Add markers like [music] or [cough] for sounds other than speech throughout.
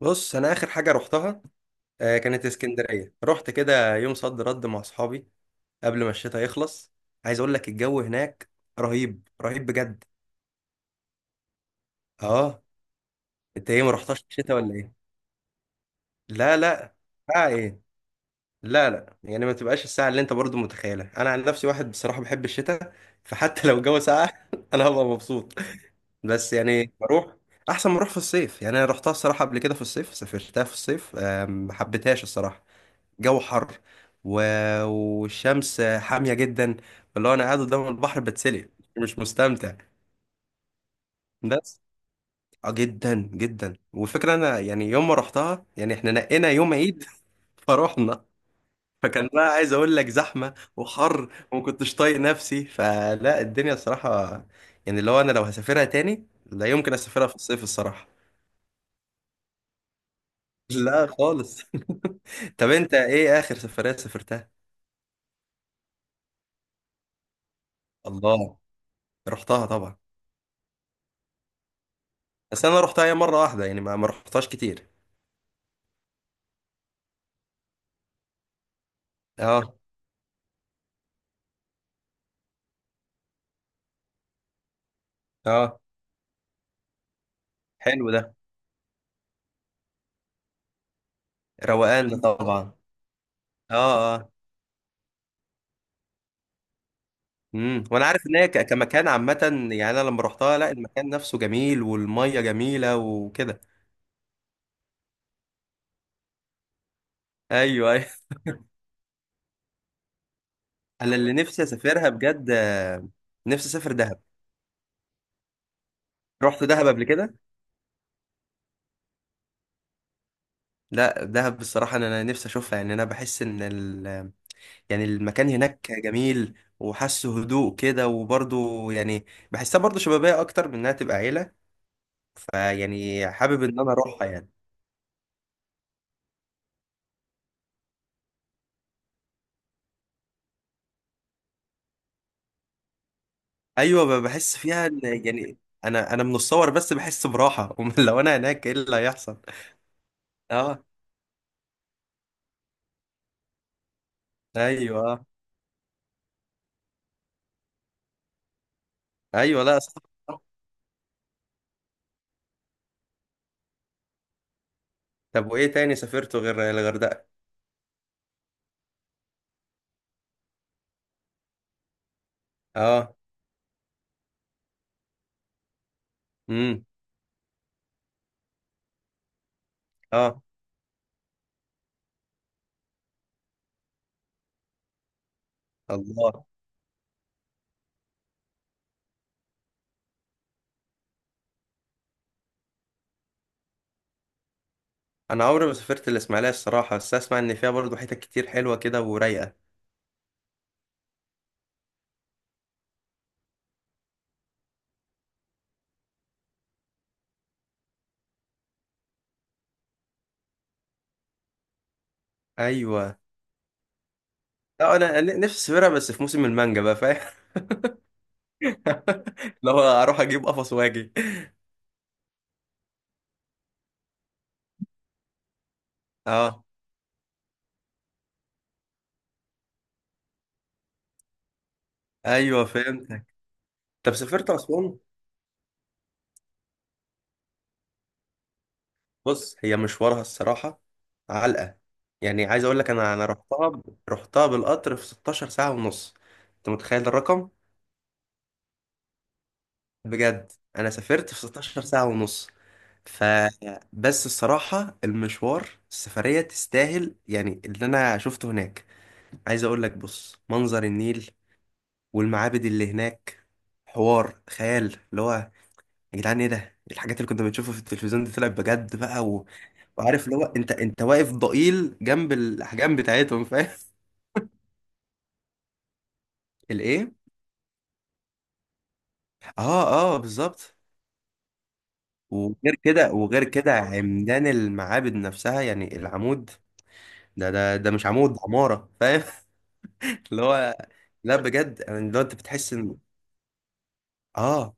بص انا اخر حاجه رحتها، آه، كانت اسكندريه. رحت كده يوم صد رد مع اصحابي قبل ما الشتاء يخلص. عايز اقول لك الجو هناك رهيب رهيب بجد. اه، انت ايه، ما رحتش الشتاء ولا ايه؟ لا لا. ساعه ايه؟ لا لا، يعني ما تبقاش الساعه اللي انت برضو متخيلها. انا عن نفسي واحد بصراحه بحب الشتاء، فحتى [laughs] لو الجو ساقع [laughs] انا هبقى مبسوط. بس يعني بروح احسن ما اروح في الصيف. يعني انا رحتها الصراحه قبل كده في الصيف، سافرتها في الصيف آه، ما حبيتهاش الصراحه. جو حر، و... والشمس حامية جدا، اللي هو انا قاعد قدام البحر بتسلق مش مستمتع. بس. اه، جدا جدا. والفكرة انا يعني يوم ما رحتها، يعني احنا نقينا يوم عيد [laughs] فروحنا. فكان بقى عايز اقول لك زحمة وحر وما كنتش طايق نفسي، فلا الدنيا الصراحة. يعني اللي هو انا لو هسافرها تاني لا يمكن اسافرها في الصيف الصراحة. لا خالص. [laughs] طب انت ايه اخر سفرية سافرتها؟ الله، رحتها طبعا. بس انا رحتها هي مره واحده، يعني ما رحتهاش كتير. اه اه. حلو ده، روقان ده طبعا. اه اه، امم. وانا عارف ان هي كمكان عامه. يعني انا لما رحتها لا، المكان نفسه جميل، والميه جميله وكده. ايوه ايوه. [laughs] انا اللي نفسي اسافرها بجد. آه، نفسي اسافر دهب. رحت دهب قبل كده؟ لا، دهب بصراحه انا نفسي اشوفها. يعني انا بحس ان ال، يعني المكان هناك جميل. وحاسه هدوء كده وبرضه، يعني بحسها برضه شبابيه اكتر من انها تبقى عيله. فيعني حابب ان انا اروحها يعني. ايوه، بحس فيها ان يعني انا من الصور بس بحس براحه. [laughs] أمال لو انا هناك ايه اللي هيحصل. اه. ايوه، آه. ايوه، لا صح. طب وايه تاني سافرته غير الغردقه؟ اه، امم، اه، الله. انا عمري ما سافرت الاسماعيليه الصراحه، بس اسمع ان فيها برضه حتت كتير حلوه كده ورايقه. ايوه، لا انا نفسي اسافرها بس في موسم المانجا بقى، فاهم؟ [laughs] لو اروح اجيب قفص واجي. اه، ايوه فهمتك. طب سافرت اسوان؟ بص هي مشوارها الصراحة علقة. يعني عايز اقول لك انا رحتها بالقطر في 16 ساعة ونص. انت متخيل الرقم؟ بجد انا سافرت في 16 ساعة ونص. ف، بس الصراحة المشوار السفرية تستاهل، يعني اللي انا شفته هناك. عايز اقول لك بص، منظر النيل والمعابد اللي هناك، حوار خيال. اللي هو يا جدعان ايه ده، إيه الحاجات اللي كنا بنشوفها في التلفزيون دي، طلعت بجد بقى. و... وعارف اللي هو انت، انت واقف ضئيل جنب الاحجام بتاعتهم فاهم. [laughs] الايه؟ اه اه بالظبط. وغير كده وغير كده، عمدان المعابد نفسها، يعني العمود ده، ده مش عمود، ده عمارة فاهم. [laughs] اللي هو، لا بجد يعني اللي هو انت بتحس ان اه.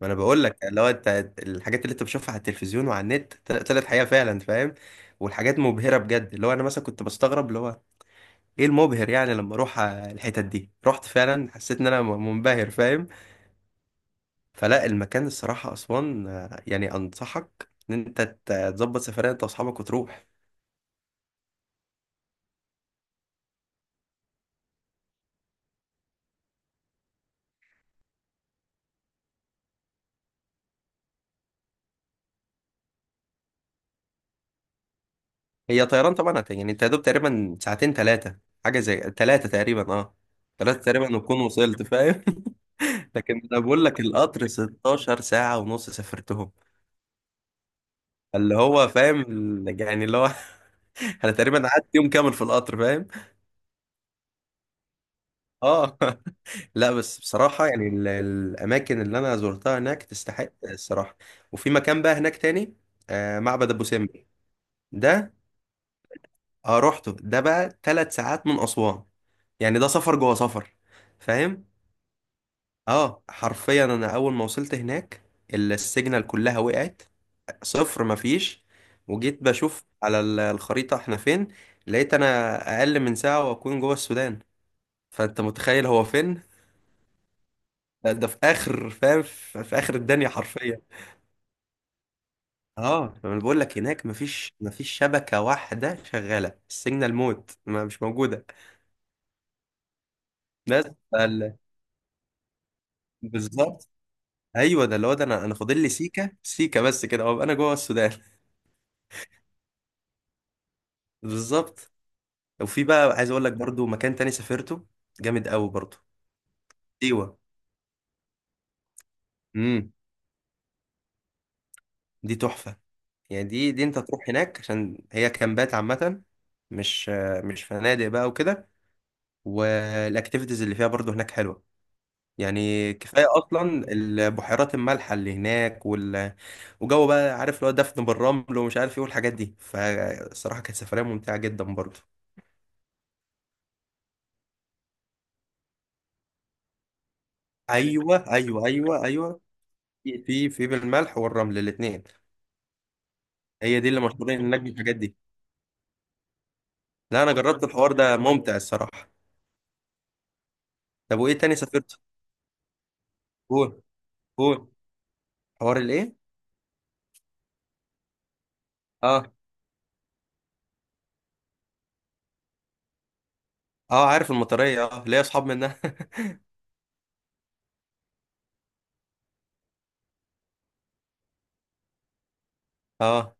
ما انا بقول لك اللي هو انت، الحاجات اللي انت بتشوفها على التلفزيون وعلى النت طلعت حقيقة فعلا فاهم. والحاجات مبهرة بجد، اللي هو انا مثلا كنت بستغرب اللي هو ايه المبهر، يعني لما اروح آه، الحتت دي رحت فعلا حسيت ان انا منبهر فاهم. فلا المكان الصراحة اسوان آه، يعني انصحك ان انت تظبط سفرية انت واصحابك وتروح. هي طيران طبعا يعني انت يا دوب تقريبا ساعتين ثلاثة. حاجة زي ثلاثة تقريبا، اه. ثلاثة تقريبا وتكون وصلت فاهم. [laughs] لكن انا بقول لك القطر 16 ساعة ونص سافرتهم. اللي هو فاهم، يعني اللي هو. [laughs] انا تقريبا قعدت يوم كامل في القطر فاهم. اه. [laughs] لا بس بصراحة، يعني الأماكن اللي أنا زرتها هناك تستحق الصراحة. وفي مكان بقى هناك تاني، آه معبد أبو سمبل ده. اه رحته، ده بقى ثلاث ساعات من أسوان، يعني ده سفر جوه سفر فاهم؟ اه حرفيا أنا أول ما وصلت هناك، السيجنال كلها وقعت، صفر مفيش. وجيت بشوف على الخريطة احنا فين. لقيت أنا أقل من ساعة وأكون جوه السودان. فأنت متخيل هو فين؟ ده في آخر فاهم، في آخر الدنيا حرفيا. اه انا بقول لك هناك مفيش شبكه واحده شغاله، السيجنال موت، ما مش موجوده. بس. فال- بالظبط. ايوه ده اللي هو، ده انا فاضل لي سيكه سيكه بس كده وابقى انا جوه السودان. [laughs] بالظبط. وفي بقى عايز اقول لك برضو مكان تاني سافرته جامد قوي برضو، سيوه. امم. دي تحفه. يعني دي انت تروح هناك عشان هي كامبات عامه، مش مش فنادق بقى وكده. والاكتيفيتيز اللي فيها برضو هناك حلوه. يعني كفاية أصلا البحيرات المالحة اللي هناك، وال... وجو بقى، عارف اللي هو دفن بالرمل ومش عارف إيه والحاجات دي. فالصراحة كانت سفرية ممتعة جدا برضه. أيوه أيوه أيوه أيوه. في في بالملح والرمل الاتنين. هي دي اللي مشهورين هناك بالحاجات دي. لا أنا جربت الحوار ده ممتع الصراحة. طب وإيه تاني سافرت؟ قول قول. حوار الإيه؟ أه، أه عارف المطرية، أه ليا أصحاب منها. [laughs] أه.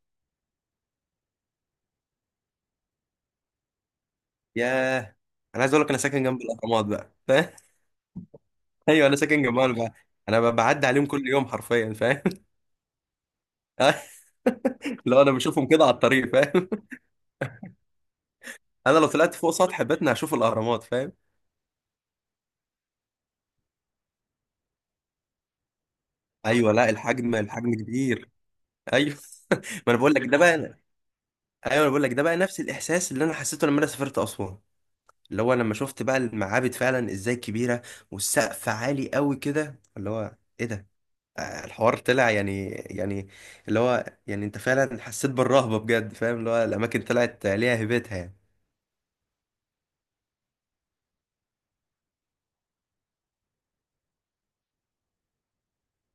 ياه، أنا عايز أقول لك أنا ساكن جنب الأهرامات بقى. [laughs] ايوه انا ساكن جنبهم، انا بعدي عليهم كل يوم حرفيا فاهم. [laughs] لو انا بشوفهم كده على الطريق فاهم. [laughs] انا لو طلعت فوق سطح بيتنا هشوف الاهرامات فاهم. ايوه لا، الحجم، الحجم كبير. ايوه. [laughs] ما انا بقول لك ده بقى. ايوه انا بقول لك ده بقى نفس الاحساس اللي انا حسيته لما انا سافرت اسوان. اللي هو لما شفت بقى المعابد فعلا ازاي كبيره، والسقف عالي قوي كده، اللي هو ايه ده آه، الحوار طلع يعني يعني، اللي هو يعني انت فعلا حسيت بالرهبه بجد فاهم. اللي هو الاماكن طلعت ليها هيبتها يعني.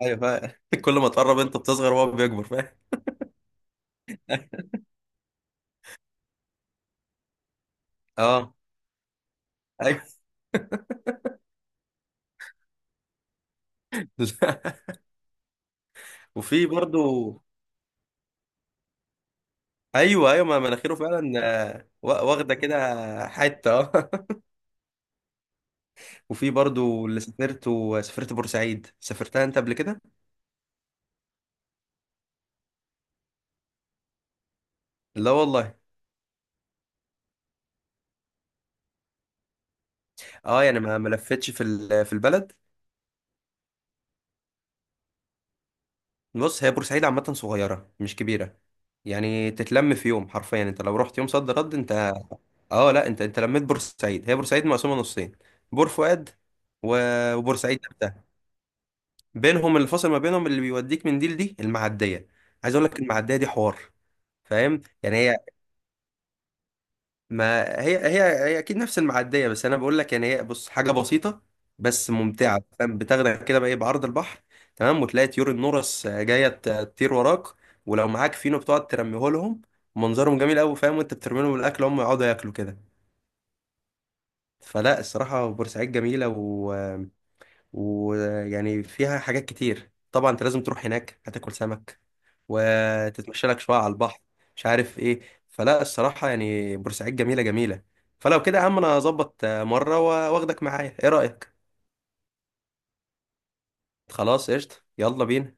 ايوه فاهم. [laughs] كل ما تقرب انت بتصغر وهو بيكبر فاهم. اه ايوه. [laughs] وفي برضو. ايوه ايوه، ما مناخيره فعلا آه، واخده كده حته اه. [laughs] وفي برضو اللي سافرت، وسافرت بورسعيد، سافرتها انت قبل كده؟ لا والله. اه، يعني ما لفتش في في البلد. بص هي بورسعيد عامه صغيره مش كبيره، يعني تتلم في يوم حرفيا. انت لو رحت يوم صد رد انت. اه لا انت، انت لميت بورسعيد. هي بورسعيد مقسومه نصين، بور فؤاد وبورسعيد. بينهم الفاصل ما بينهم اللي بيوديك من دي لدي المعديه. عايز اقول لك المعديه دي حوار فاهم، يعني هي. ما هي هي اكيد نفس المعديه، بس انا بقول لك يعني هي بص حاجه بسيطه بس ممتعه فاهم. بتاخدك كده بقى ايه بعرض البحر تمام. وتلاقي طيور النورس جايه تطير وراك، ولو معاك فينو بتقعد ترميه لهم، منظرهم جميل قوي فاهم. وانت بترمي لهم الاكل هم يقعدوا ياكلوا كده. فلا الصراحه بورسعيد جميله، و... ويعني فيها حاجات كتير طبعا. انت لازم تروح هناك، هتاكل سمك وتتمشى لك شويه على البحر، مش عارف ايه. فلا الصراحه يعني بورسعيد جميله جميله. فلو كده يا عم انا هظبط آه، مره واخدك معايا، ايه رايك؟ خلاص قشطه يلا بينا.